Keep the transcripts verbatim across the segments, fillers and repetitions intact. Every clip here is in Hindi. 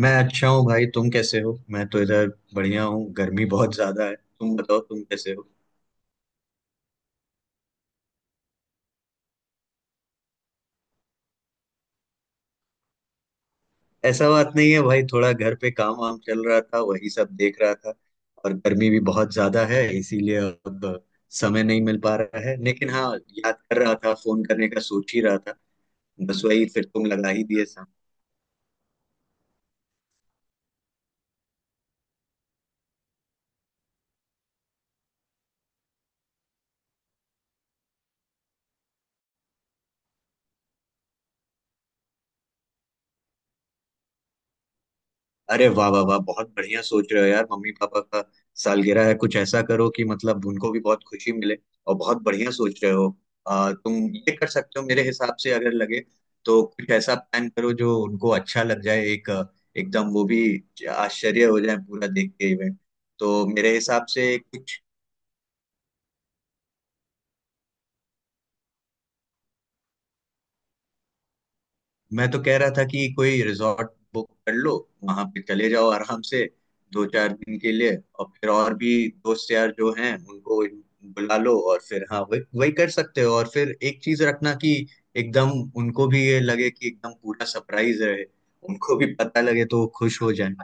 मैं अच्छा हूँ भाई। तुम कैसे हो? मैं तो इधर बढ़िया हूँ। गर्मी बहुत ज्यादा है। तुम बताओ तुम कैसे हो? ऐसा बात नहीं है भाई, थोड़ा घर पे काम वाम चल रहा था, वही सब देख रहा था। और गर्मी भी बहुत ज्यादा है, इसीलिए अब समय नहीं मिल पा रहा है। लेकिन हाँ, याद कर रहा था, फोन करने का सोच ही रहा था। बस वही, फिर तुम लगा ही दिए। अरे वाह वाह वाह, बहुत बढ़िया सोच रहे हो यार। मम्मी पापा का सालगिरह है, कुछ ऐसा करो कि मतलब उनको भी बहुत खुशी मिले। और बहुत बढ़िया सोच रहे हो। आ, तुम ये कर सकते हो मेरे हिसाब से, अगर लगे तो कुछ ऐसा प्लान करो जो उनको अच्छा लग जाए। एक अ, एकदम वो भी आश्चर्य हो जाए पूरा देख के इवेंट। तो मेरे हिसाब से कुछ, मैं तो कह रहा था कि कोई रिजॉर्ट बुक कर लो, वहां पे चले जाओ आराम से दो चार दिन के लिए। और फिर और भी दोस्त यार जो हैं उनको बुला लो। और फिर हाँ, वही वही कर सकते हो। और फिर एक चीज रखना कि एकदम उनको भी ये लगे कि एकदम पूरा सरप्राइज रहे। उनको भी पता लगे तो वो खुश हो जाए।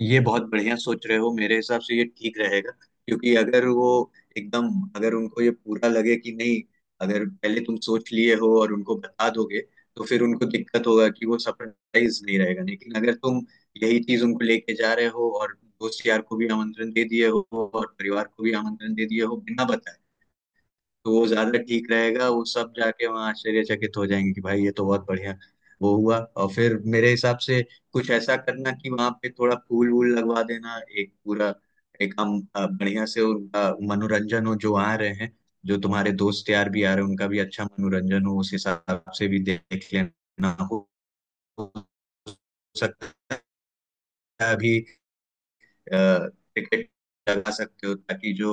ये बहुत बढ़िया सोच रहे हो, मेरे हिसाब से ये ठीक रहेगा। क्योंकि अगर वो एकदम, अगर उनको ये पूरा लगे कि नहीं, अगर पहले तुम सोच लिए हो और उनको बता दोगे तो फिर उनको दिक्कत होगा कि वो सरप्राइज नहीं रहेगा। लेकिन अगर तुम यही चीज उनको लेके जा रहे हो, और दोस्त यार को भी आमंत्रण दे दिए हो और परिवार को भी आमंत्रण दे दिए हो बिना बताए, तो वो ज्यादा ठीक रहेगा। वो सब जाके वहाँ आश्चर्यचकित हो जाएंगे कि भाई ये तो बहुत बढ़िया वो हुआ। और फिर मेरे हिसाब से कुछ ऐसा करना कि वहाँ पे थोड़ा फूल वूल लगवा देना। एक पूरा, एक हम अ, बढ़िया से उनका मनोरंजन हो जो आ रहे हैं। जो तुम्हारे दोस्त यार भी आ रहे हैं उनका भी अच्छा मनोरंजन हो, उस हिसाब से भी देख लेना। हो हो सकता है अभी टिकट लगा सकते हो, ताकि जो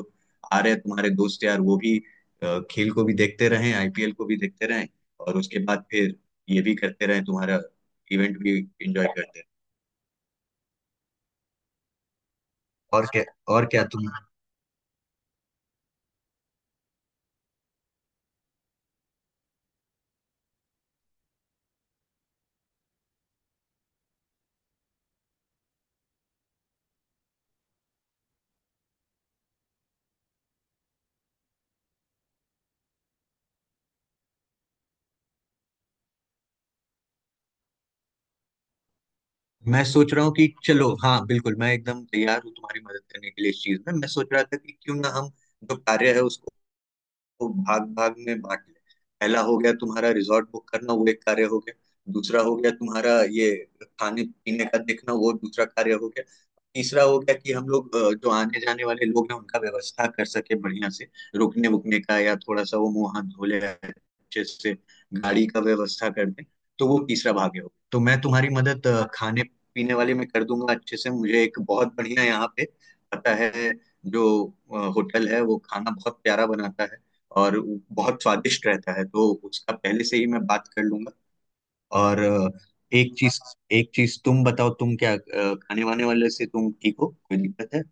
आ रहे हैं तुम्हारे दोस्त यार वो भी अ, खेल को भी देखते रहें, आईपीएल को भी देखते रहें और उसके बाद फिर ये भी करते रहें, तुम्हारा इवेंट भी एंजॉय करते रहें। और क्या और क्या तुम, मैं सोच रहा हूँ कि चलो हाँ, बिल्कुल मैं एकदम तैयार हूँ तुम्हारी मदद करने के लिए। इस चीज में मैं सोच रहा था कि क्यों ना हम जो कार्य है उसको को भाग भाग में बांट ले पहला हो गया तुम्हारा रिजॉर्ट बुक करना, वो एक कार्य हो गया। दूसरा हो गया तुम्हारा ये खाने पीने का देखना, वो दूसरा कार्य हो गया। तीसरा हो गया कि हम लोग अ, जो आने जाने वाले लोग हैं उनका व्यवस्था कर सके बढ़िया से, रुकने वुकने का, या थोड़ा सा वो मुंह हाथ धो ले अच्छे से, गाड़ी का व्यवस्था कर दें। तो वो तीसरा भाग हो। तो मैं तुम्हारी मदद अ, खाने पीने वाले में कर दूंगा अच्छे से। मुझे एक बहुत बढ़िया यहाँ पे पता है, जो अ, होटल है, वो खाना बहुत प्यारा बनाता है और वो बहुत स्वादिष्ट रहता है। तो उसका पहले से ही मैं बात कर लूंगा। और अ, एक चीज, एक चीज तुम बताओ, तुम क्या अ, खाने वाने वाले से तुम ठीक हो, कोई दिक्कत है?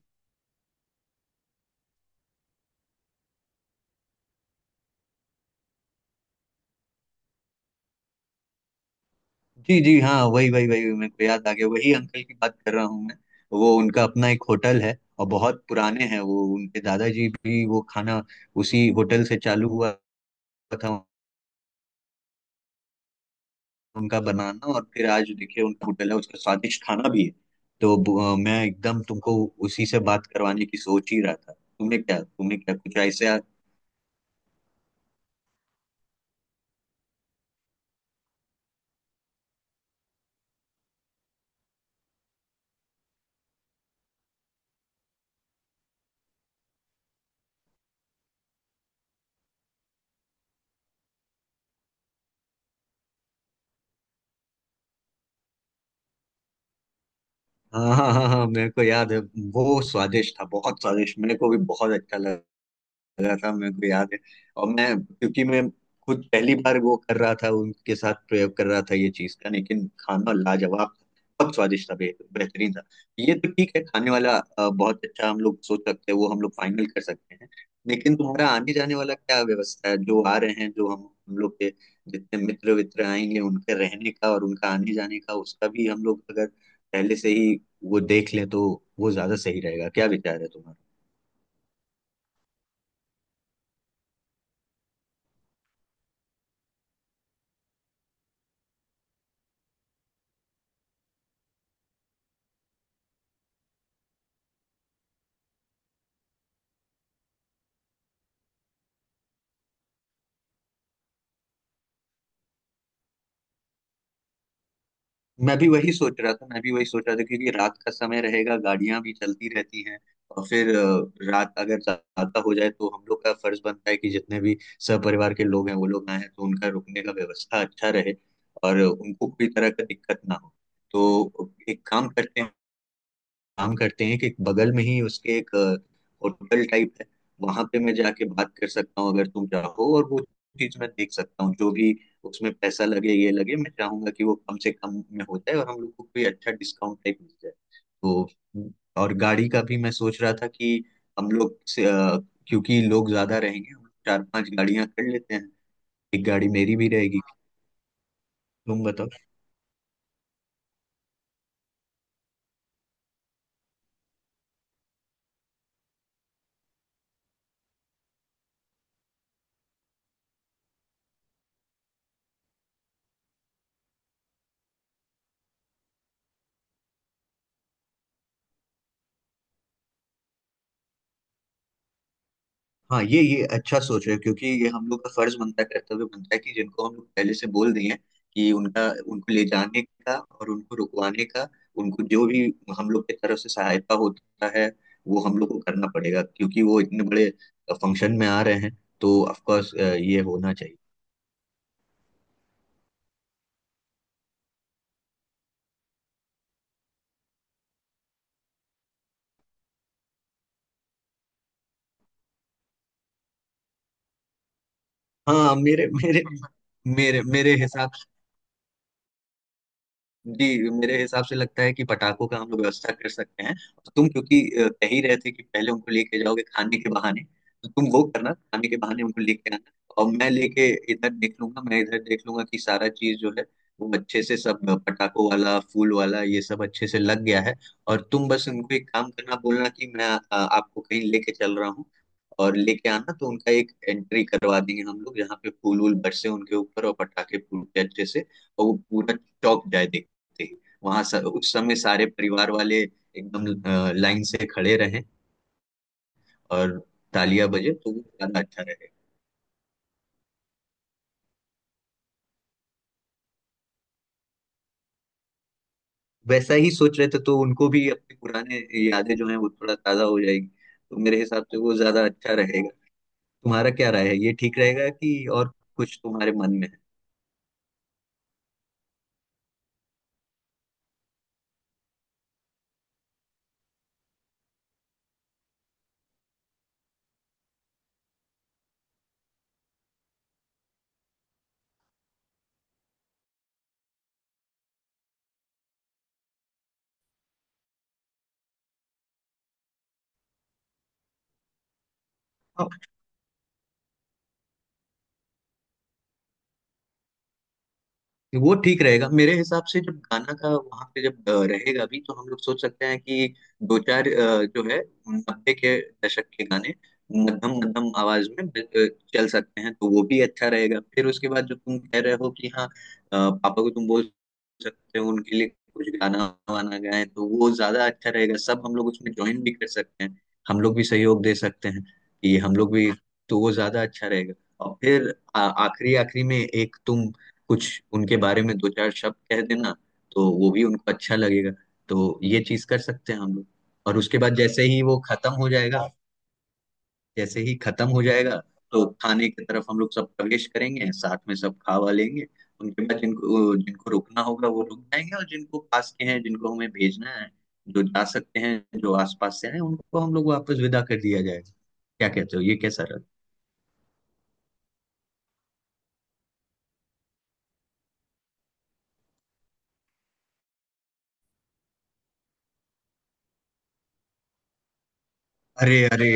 जी जी हाँ, वही वही वही, मेरे को याद आ गया, वही अंकल की बात कर रहा हूँ मैं। वो उनका अपना एक होटल है और बहुत पुराने हैं। वो उनके दादाजी भी, वो खाना उसी होटल से चालू हुआ था उनका बनाना। और फिर आज देखिए उनका होटल है, उसका स्वादिष्ट खाना भी है। तो ब- अ, मैं एकदम तुमको उसी से बात करवाने की सोच ही रहा था। तुमने क्या तुमने क्या कुछ ऐसे? हाँ हाँ हाँ हाँ, मेरे को याद है। वो स्वादिष्ट था, बहुत स्वादिष्ट, मेरे को भी बहुत अच्छा लगा, लगा था, मेरे को याद है। और मैं, क्योंकि मैं खुद पहली बार वो कर रहा था, उनके साथ प्रयोग कर रहा था ये चीज का, लेकिन खाना लाजवाब था, बहुत स्वादिष्ट था, बे- बेहतरीन था। ये तो ठीक है, खाने वाला अ, बहुत अच्छा हम लोग सोच सकते हैं, वो हम लोग फाइनल कर सकते हैं। लेकिन तुम्हारा आने जाने वाला क्या व्यवस्था है? जो आ रहे हैं, जो हम हम लोग के जितने मित्र वित्र आएंगे, उनके रहने का और उनका आने जाने का, उसका भी हम लोग अगर पहले से ही वो देख लें तो वो ज्यादा सही रहेगा। क्या विचार है तुम्हारा? मैं भी वही सोच रहा था मैं भी वही सोच रहा था, क्योंकि रात का समय रहेगा, गाड़ियां भी चलती रहती हैं। और फिर अ, रात अगर ज्यादा हो जाए तो हम लोग का फर्ज बनता है कि जितने भी सपरिवार के लोग हैं, वो लोग आए हैं, तो उनका रुकने का व्यवस्था अच्छा रहे और उनको कोई तरह का दिक्कत ना हो। तो एक काम करते हैं, काम करते हैं कि बगल में ही उसके एक होटल टाइप है, वहां पे मैं जाके बात कर सकता हूँ अगर तुम चाहो। और वो चीज मैं देख सकता हूँ, जो भी उसमें पैसा लगे ये लगे, मैं चाहूंगा कि वो कम से कम में हो जाए और हम लोग को कोई अच्छा डिस्काउंट टाइप मिल जाए। तो, और गाड़ी का भी मैं सोच रहा था कि हम लोग से अ, क्योंकि लोग ज्यादा रहेंगे, हम लोग चार पांच गाड़ियां कर लेते हैं। एक गाड़ी मेरी भी रहेगी, तुम बताओ। हाँ, ये ये अच्छा सोच रहे हो, क्योंकि ये हम लोग का फर्ज बनता है, कर्तव्य बनता है कि जिनको हम लोग पहले से बोल दिए हैं, कि उनका, उनको ले जाने का और उनको रुकवाने का, उनको जो भी हम लोग की तरफ से सहायता होता है, वो हम लोग को करना पड़ेगा। क्योंकि वो इतने बड़े फंक्शन में आ रहे हैं, तो ऑफ कोर्स ये होना चाहिए। हाँ, मेरे मेरे मेरे मेरे हिसाब जी मेरे हिसाब से लगता है कि पटाखों का हम लोग व्यवस्था कर सकते हैं। और तुम क्योंकि अ, कह ही रहे थे कि पहले उनको लेके जाओगे खाने के बहाने, तो तुम वो करना, खाने के बहाने उनको लेके आना। और मैं लेके, इधर देख लूंगा मैं इधर देख लूंगा कि सारा चीज जो है वो अच्छे से सब अ, पटाखों वाला फूल वाला ये सब अच्छे से लग गया है। और तुम बस उनको एक काम करना, बोलना कि मैं अ, आपको कहीं लेके चल रहा हूँ और लेके आना। तो उनका एक एंट्री करवा देंगे हम लोग, जहाँ पे फूल वूल बरसे उनके ऊपर और पटाखे फूटे अच्छे से। और वो पूरा चौक जाए देखते ही। वहां स- उस समय सारे परिवार वाले एकदम अ, लाइन से खड़े रहें और तालियां बजे तो वो ज्यादा अच्छा रहेगा। वैसा ही सोच रहे थे, तो उनको भी अपनी पुराने यादें जो हैं वो थोड़ा ताजा हो जाएगी। तो मेरे हिसाब से वो ज्यादा अच्छा रहेगा। तुम्हारा क्या राय है, ये ठीक रहेगा कि और कुछ तुम्हारे मन में है? वो ठीक रहेगा मेरे हिसाब से। जब गाना का वहां पे जब अ, रहेगा भी, तो हम लोग सोच सकते हैं कि दो चार अ, जो है नब्बे के दशक के गाने मध्यम मध्यम आवाज में अ, चल सकते हैं, तो वो भी अच्छा रहेगा। फिर उसके बाद जो तुम कह रहे हो कि हाँ अ, पापा को तुम बोल सकते हो उनके लिए कुछ गाना वाना गाएं, तो वो ज्यादा अच्छा रहेगा। सब हम लोग उसमें ज्वाइन भी कर सकते हैं, हम लोग भी सहयोग दे सकते हैं कि हम लोग भी, तो वो ज्यादा अच्छा रहेगा। और फिर आ- आखिरी आखिरी में एक तुम कुछ उनके बारे में दो चार शब्द कह देना, तो वो भी उनको अच्छा लगेगा। तो ये चीज कर सकते हैं हम लोग। और उसके बाद जैसे ही वो खत्म हो जाएगा, जैसे ही खत्म हो जाएगा तो खाने की तरफ हम लोग सब प्रवेश करेंगे, साथ में सब खा वा लेंगे। उनके बाद जिनको जिनको रुकना होगा वो रुक जाएंगे, और जिनको पास के हैं जिनको हमें भेजना है, जो जा सकते हैं, जो आसपास से हैं, उनको हम लोग वापस विदा कर दिया जाएगा। क्या कहते हो, ये कैसा रहा? अरे अरे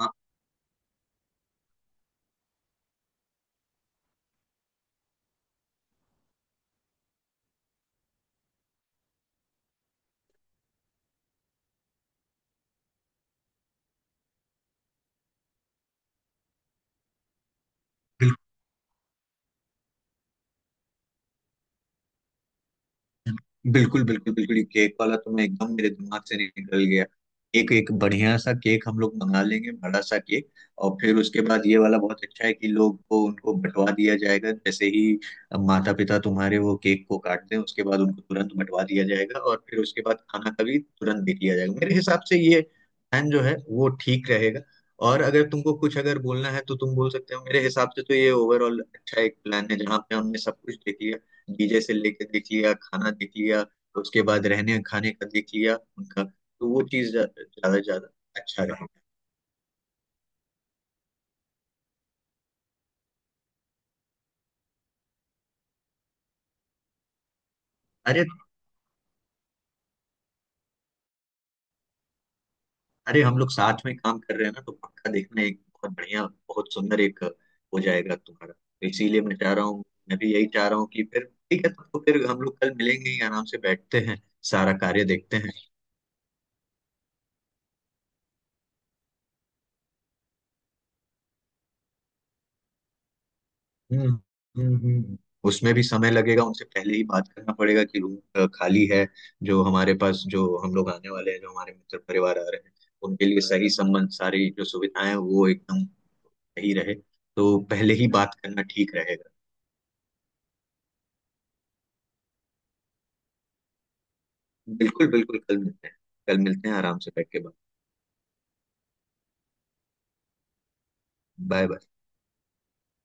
हाँ, बिल्कुल बिल्कुल बिल्कुल, ये केक वाला तो मैं एकदम, मेरे दिमाग से निकल गया। एक एक बढ़िया सा केक हम लोग मंगा लेंगे, बड़ा सा केक। और फिर उसके बाद ये वाला बहुत अच्छा है कि लोग को, उनको बंटवा दिया जाएगा, जैसे ही माता पिता तुम्हारे वो केक को काट दें उसके बाद उनको तुरंत बंटवा दिया जाएगा। और फिर उसके बाद खाना का भी तुरंत दे दिया जाएगा। मेरे हिसाब से ये प्लान जो है वो ठीक रहेगा। और अगर तुमको कुछ अगर बोलना है तो तुम बोल सकते हो। मेरे हिसाब से तो ये ओवरऑल अच्छा एक प्लान है, जहाँ पे हमने सब कुछ देख लिया। डीजे से लेके देख लिया, खाना देख लिया, तो उसके बाद रहने खाने का देख लिया उनका, तो वो चीज ज्यादा ज्यादा अच्छा रहे। अरे अरे हम लोग साथ में काम कर रहे हैं ना, तो पक्का देखना, एक बहुत बढ़िया, बहुत सुंदर एक हो जाएगा तुम्हारा, तो इसीलिए मैं चाह रहा हूँ, मैं भी यही चाह रहा हूँ कि फिर, ठीक है तो फिर हम लोग कल मिलेंगे ही, आराम से बैठते हैं, सारा कार्य देखते हैं। हम्म। हम्म, हम्म। उसमें भी समय लगेगा, उनसे पहले ही बात करना पड़ेगा कि रूम खाली है, जो हमारे पास, जो हम लोग आने वाले हैं, जो हमारे मित्र परिवार आ रहे हैं, उनके लिए सही संबंध सारी जो सुविधाएं हैं, वो एकदम सही रहे। तो पहले ही बात करना ठीक रहेगा। बिल्कुल बिल्कुल, कल मिलते हैं, कल मिलते हैं, आराम से बैठ के बात। Bye bye.